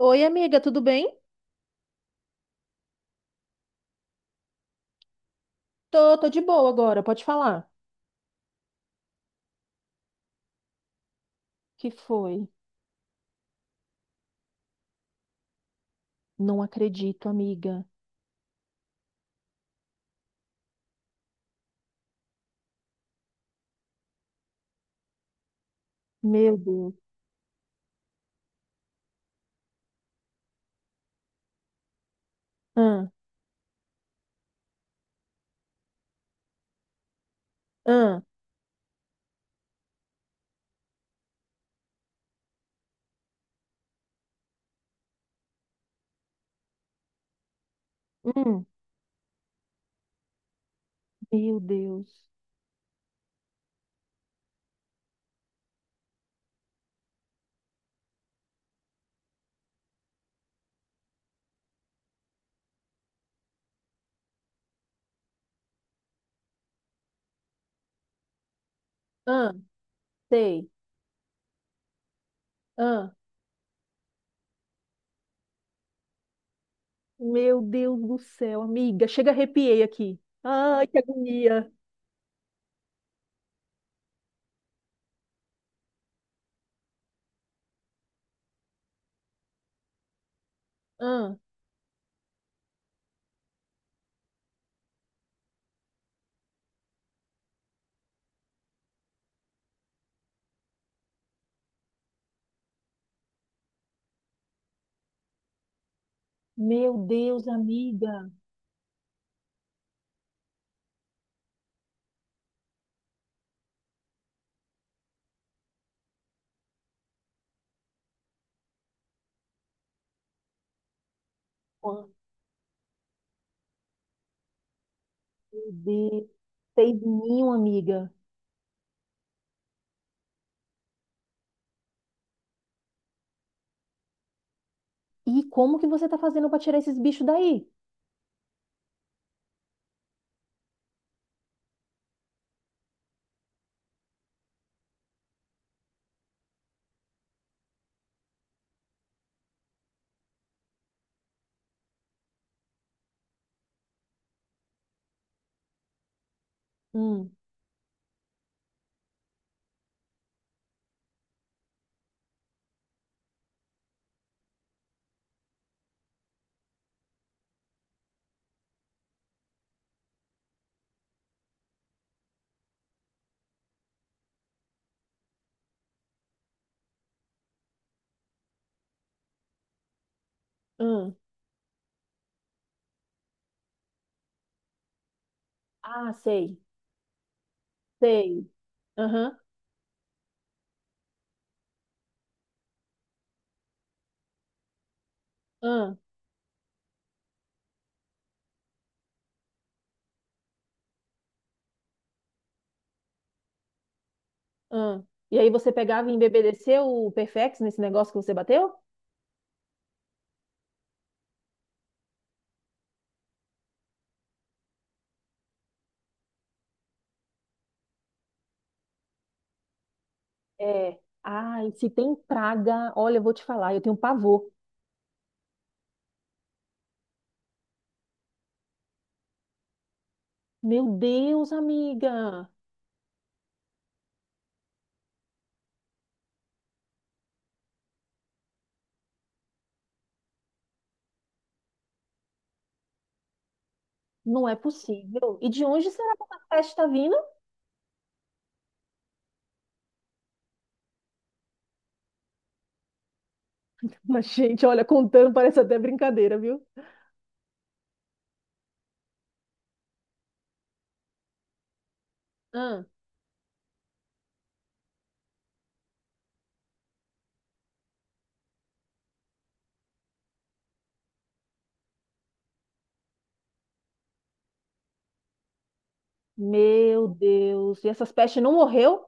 Oi, amiga, tudo bem? Tô de boa agora, pode falar. Que foi? Não acredito, amiga. Meu Deus. Ah, ah, hum, meu Deus. Ah, sei. Ah, meu Deus do céu, amiga. Chega, arrepiei aqui. Ai, que agonia. Ah, meu Deus, amiga. Ah, meu Deus. Fez ninho, amiga. E como que você tá fazendo pra tirar esses bichos daí? Hum, hum. Ah, sei, sei. Aham, aham. Ah, e aí você pegava e embebedeceu o Perfex nesse negócio que você bateu? É. Ai, se tem praga, olha, eu vou te falar, eu tenho pavor. Meu Deus, amiga, não é possível. E de onde será que essa peste está vindo? Mas, gente, olha, contando parece até brincadeira, viu? Ah, meu Deus, e essas pestes não morreu?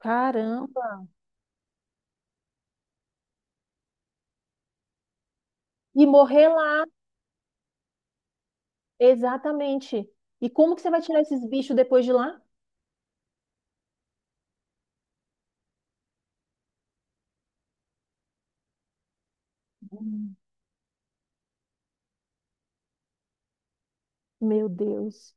Caramba. E morrer lá, exatamente. E como que você vai tirar esses bichos depois de lá? Hum. Meu Deus,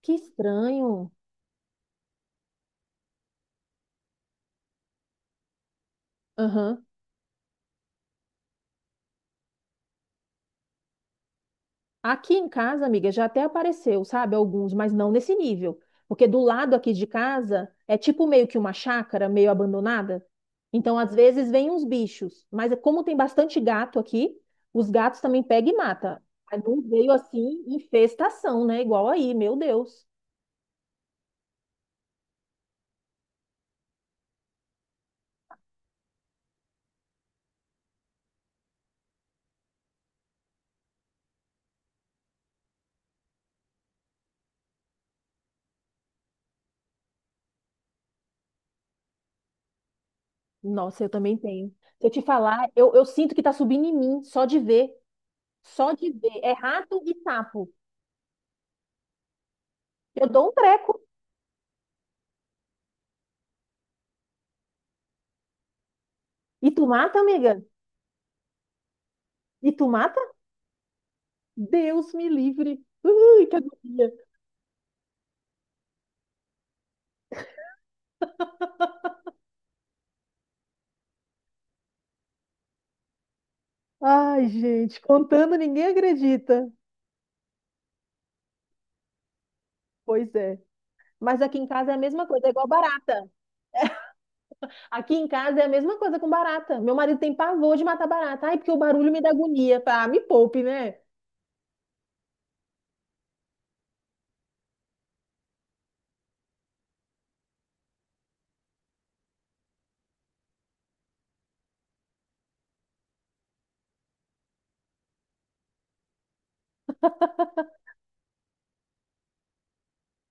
que estranho. Aham. Aqui em casa, amiga, já até apareceu, sabe? Alguns, mas não nesse nível. Porque do lado aqui de casa é tipo meio que uma chácara, meio abandonada. Então, às vezes, vem uns bichos. Mas é como tem bastante gato aqui, os gatos também pegam e matam. Mas não veio assim infestação, né? Igual aí, meu Deus. Nossa, eu também tenho. Se eu te falar, eu sinto que tá subindo em mim, só de ver. Só de ver. É rato e sapo. Eu dou um treco. E tu mata, amiga? E tu mata? Deus me livre. Ui, que agonia. Ai, gente, contando ninguém acredita. Pois é. Mas aqui em casa é a mesma coisa, é igual barata. Aqui em casa é a mesma coisa com barata. Meu marido tem pavor de matar barata. Ai, porque o barulho me dá agonia. Ah, me poupe, né?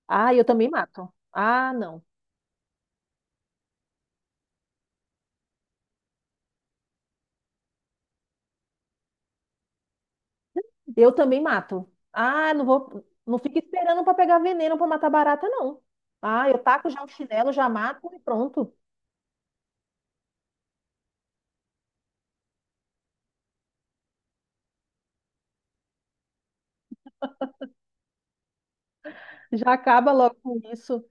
Ah, eu também mato. Ah, não. Eu também mato. Ah, não vou. Não fica esperando para pegar veneno para matar barata, não. Ah, eu taco já o chinelo, já mato e pronto. Já acaba logo com isso.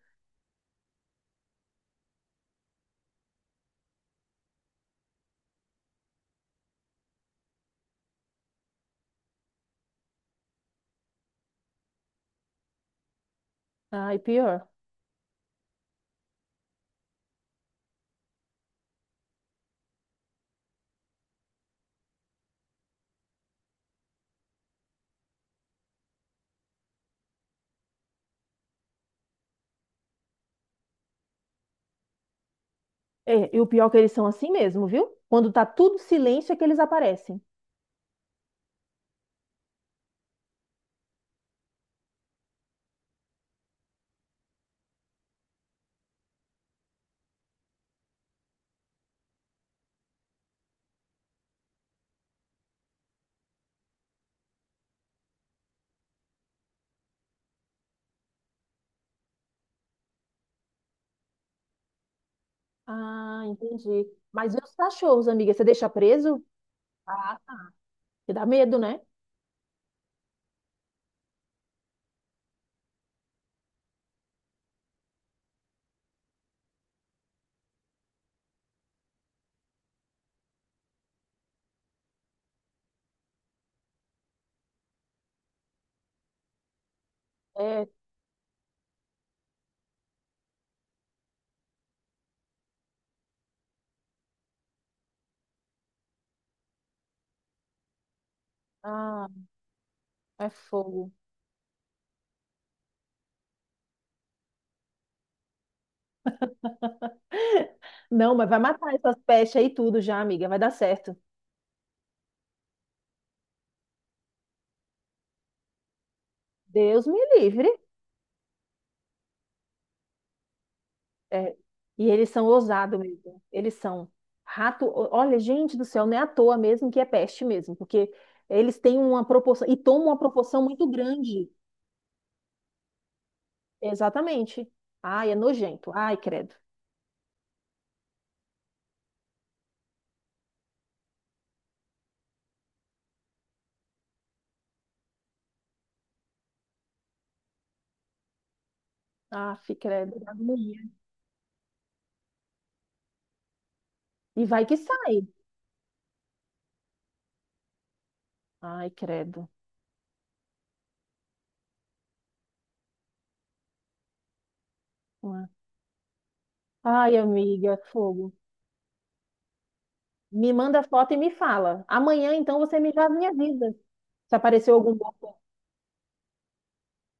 Ai, pior. É, e o pior é que eles são assim mesmo, viu? Quando tá tudo silêncio é que eles aparecem. Ah, entendi. Mas e os cachorros, amiga? Você deixa preso? Ah, tá. Que dá medo, né? É, ah, é fogo. Não, mas vai matar essas pestes aí tudo já, amiga. Vai dar certo. Deus me livre. É, e eles são ousados mesmo. Eles são rato. Olha, gente do céu, não é à toa mesmo que é peste mesmo, porque eles têm uma proporção e tomam uma proporção muito grande. Exatamente. Ai, é nojento. Ai, credo. Aff, credo. Dá agonia. E vai que sai. Ai, credo. Ué. Ai, amiga, fogo. Me manda foto e me fala. Amanhã, então, você me dá a minha vida. Se apareceu algum boca.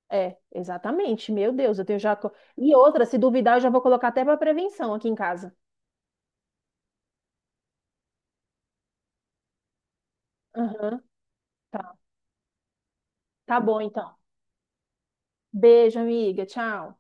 É, exatamente. Meu Deus, eu tenho já. E outra, se duvidar, eu já vou colocar até para prevenção aqui em casa. Aham, tá. Tá bom, então. Beijo, amiga. Tchau.